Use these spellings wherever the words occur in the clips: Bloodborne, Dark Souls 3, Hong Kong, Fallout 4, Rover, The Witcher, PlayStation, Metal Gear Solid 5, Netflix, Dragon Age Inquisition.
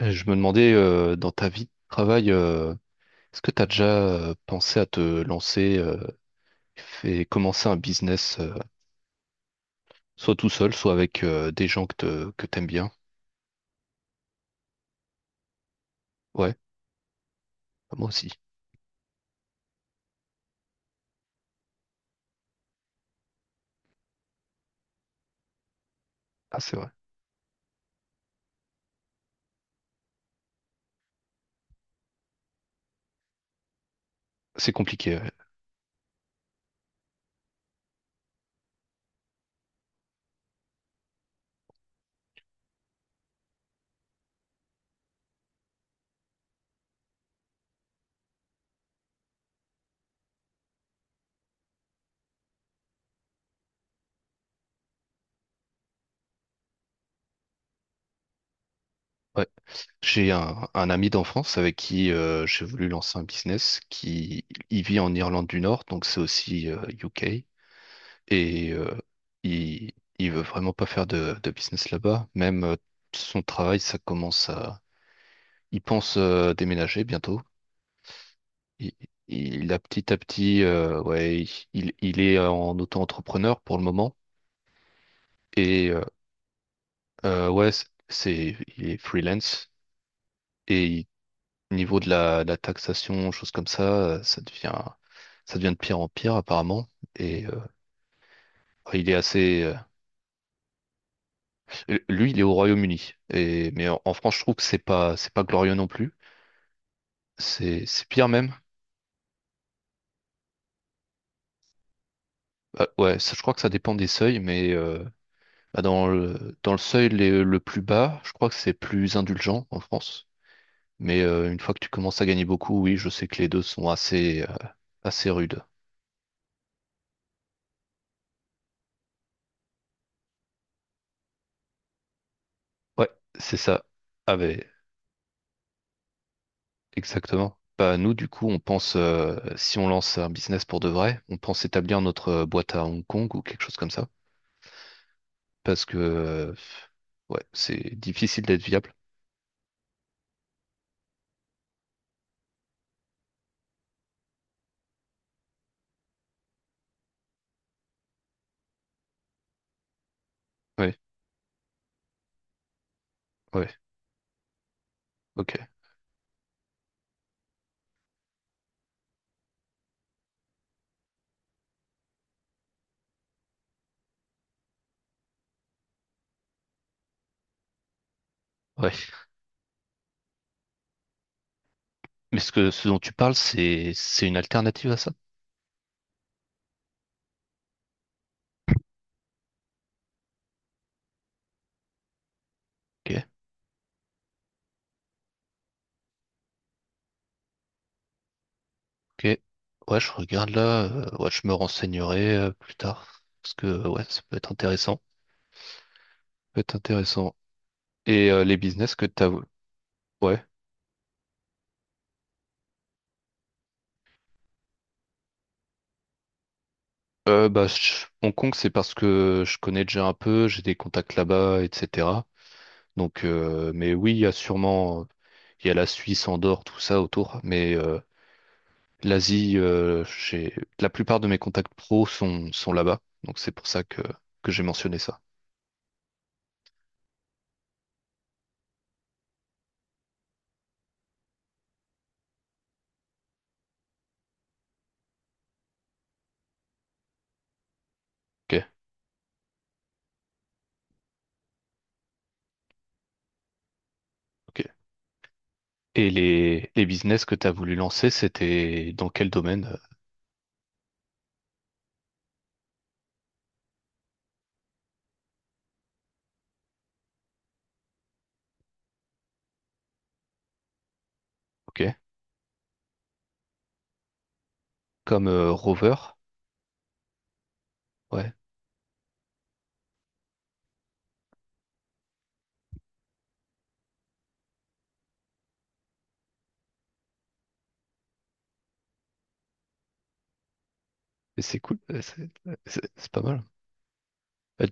Je me demandais, dans ta vie de travail, est-ce que tu as déjà pensé à te lancer et commencer un business, soit tout seul, soit avec des gens que t'aimes bien? Ouais, moi aussi. Ah, c'est vrai. C'est compliqué. Ouais. Ouais. J'ai un ami d'enfance avec qui j'ai voulu lancer un business qui il vit en Irlande du Nord, donc c'est aussi UK. Et euh, il, il veut vraiment pas faire de business là-bas. Même son travail, ça commence à il pense déménager bientôt. Il, il a petit à petit, ouais, il est en auto-entrepreneur pour le moment. Et euh, ouais, il est freelance. Et il- niveau de la taxation, choses comme ça, euh, ça devient, ça devient de pire en pire apparemment. Et euh, il est lui, il est au Royaume-Uni. Et mais en France, je trouve que c'est pas glorieux non plus. C'est pire même. Ouais, ça, je crois que ça dépend des seuils, bah, dans le seuil le plus bas, je crois que c'est plus indulgent en France. Une fois que tu commences à gagner beaucoup, oui, je sais que les deux sont assez rudes. Ouais, c'est ça. Ah ben, exactement. Bah, nous, du coup, on pense, si on lance un business pour de vrai, on pense établir notre boîte à Hong Kong ou quelque chose comme ça. Parce que, euh, ouais, c'est difficile d'être viable. Ouais, ouais, ok. Ouais. Mais ce que, ce dont tu parles, c'est une alternative à ça? Ok. Ok. Ouais, je regarde là. Ouais, je me renseignerai plus tard. Parce que ouais, ça peut être intéressant. Ça peut être intéressant. Et les business que t'as. Ouais. Bah, Hong Kong, c'est parce que je connais déjà un peu, j'ai des contacts là-bas, etc. Donc, mais oui, il y a la Suisse, Andorre, tout ça autour. L'Asie, la plupart de mes contacts pro sont là-bas, donc c'est pour ça que j'ai mentionné ça. Ok, ok. Et les business que tu as voulu lancer, c'était dans quel domaine? Ok. Comme Rover? Ouais. Et c'est cool, c'est pas mal. Euh,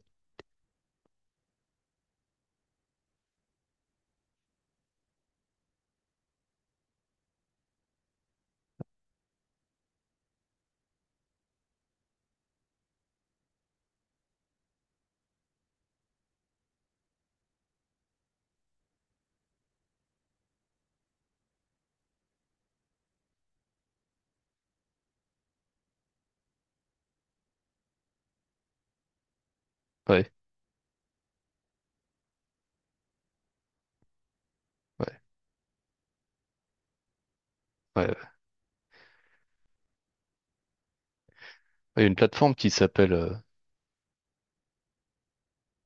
Ouais, ouais, ouais. Ouais. Il y a une plateforme qui s'appelle.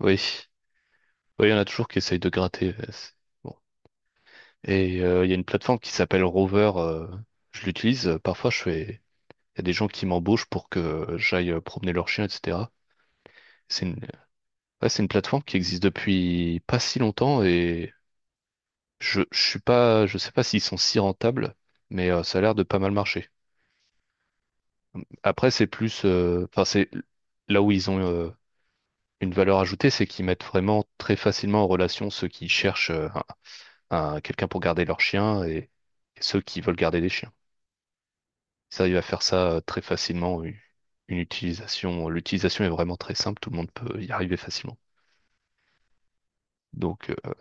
Oui. Oui, il y en a toujours qui essayent de gratter. Bon. Et il y a une plateforme qui s'appelle Rover. Je l'utilise. Parfois, je fais. Il y a des gens qui m'embauchent pour que j'aille promener leur chien, etc. C'est une... ouais, c'est une plateforme qui existe depuis pas si longtemps et je suis pas, je sais pas s'ils sont si rentables, ça a l'air de pas mal marcher. Après, enfin, c'est là où ils ont une valeur ajoutée, c'est qu'ils mettent vraiment très facilement en relation ceux qui cherchent quelqu'un pour garder leur chien et ceux qui veulent garder des chiens. Ils arrivent à faire ça très facilement. L'utilisation est vraiment très simple. Tout le monde peut y arriver facilement. Donc,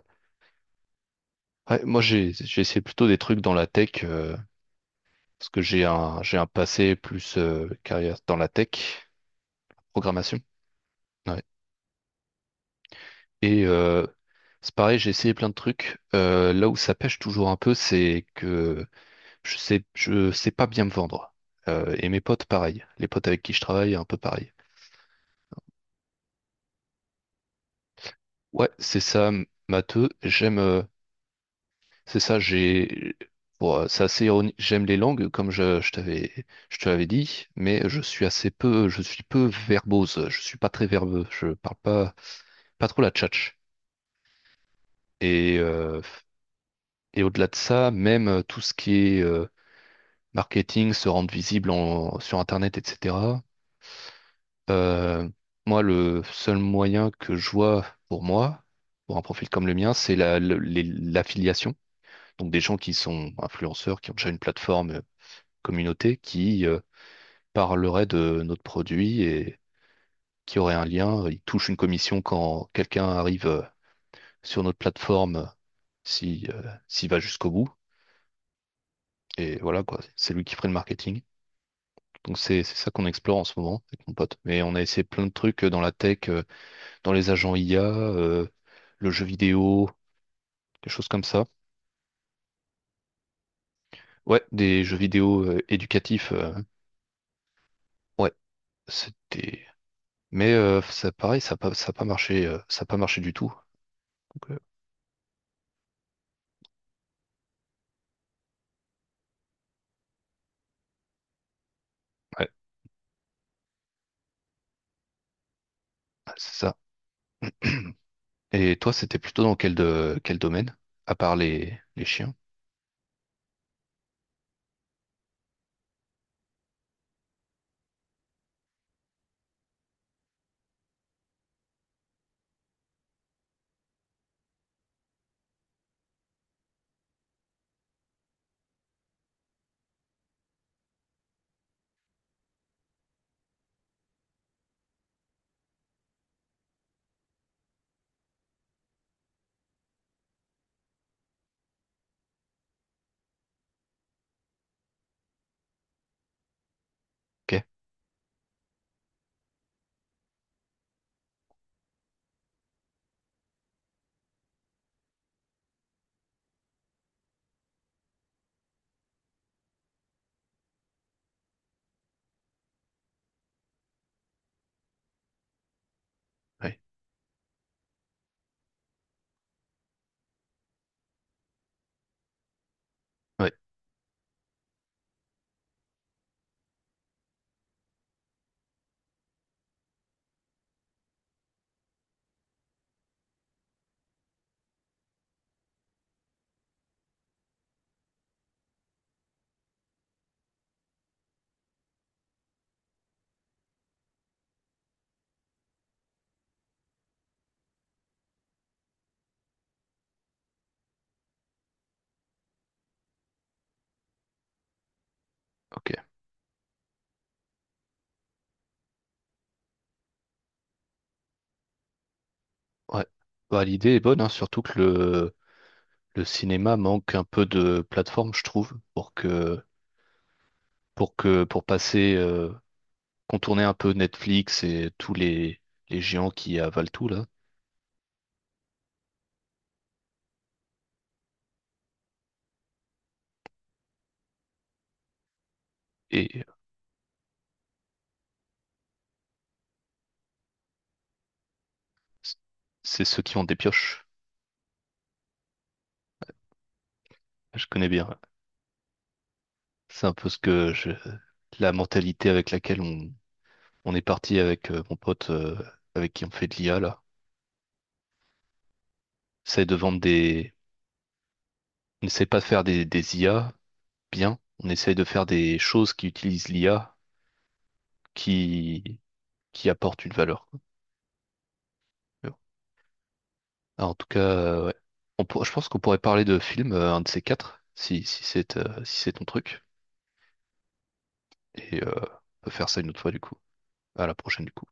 ouais, moi, j'ai essayé plutôt des trucs dans la tech parce que j'ai un passé plus carrière dans la tech, programmation. Ouais. Et euh, c'est pareil, j'ai essayé plein de trucs. Là où ça pêche toujours un peu, c'est que je sais pas bien me vendre. Et mes potes, pareil. Les potes avec qui je travaille, un peu pareil. Ouais, c'est ça, matheux. J'aime. C'est ça, j'ai. Bon, c'est assez ironique. J'aime les langues, comme je te l'avais dit, mais je suis assez peu, je suis peu verbose. Je suis pas très verbeux. Je parle pas, pas trop la tchatche. Et, euh, et au-delà de ça, même tout ce qui est marketing, se rendre visible sur Internet, etc. euh, moi, le seul moyen que je vois pour moi, pour un profil comme le mien, c'est l'affiliation. Donc des gens qui sont influenceurs, qui ont déjà une plateforme communauté, qui parlerait de notre produit et qui aurait un lien. Il touche une commission quand quelqu'un arrive sur notre plateforme, si, s'il va jusqu'au bout. Et voilà, quoi, c'est lui qui ferait le marketing. Donc c'est ça qu'on explore en ce moment avec mon pote. Mais on a essayé plein de trucs dans la tech, dans les agents IA, le jeu vidéo, quelque chose comme ça. Ouais, des jeux vidéo éducatifs. Ouais, c'était. Ça, pareil, ça a pas marché, ça a pas marché du tout. Donc, ouais, c'est ça. Et toi, c'était plutôt dans quel domaine? À part les chiens? Ok, ouais, ouais, ok, ouais. Bah, l'idée est bonne, hein, surtout que le cinéma manque un peu de plateforme, je trouve, pour passer, contourner un peu Netflix et tous les géants qui avalent tout, là. Et c- c'est ceux qui ont des pioches. Je connais bien. C'est un peu ce que la mentalité avec laquelle on est parti avec mon pote, avec qui on fait de l'IA, là. C'est de vendre des on n'essaie pas de faire des IA bien, on essaie de faire des choses qui utilisent l'IA qui, qui apportent une valeur. Quoi. Tu vois. Alors, en tout cas, ouais. Je pense qu'on pourrait parler de films, un de ces quatre, si, si c'est si c'est ton truc. Et on peut faire ça une autre fois du coup. À la prochaine du coup.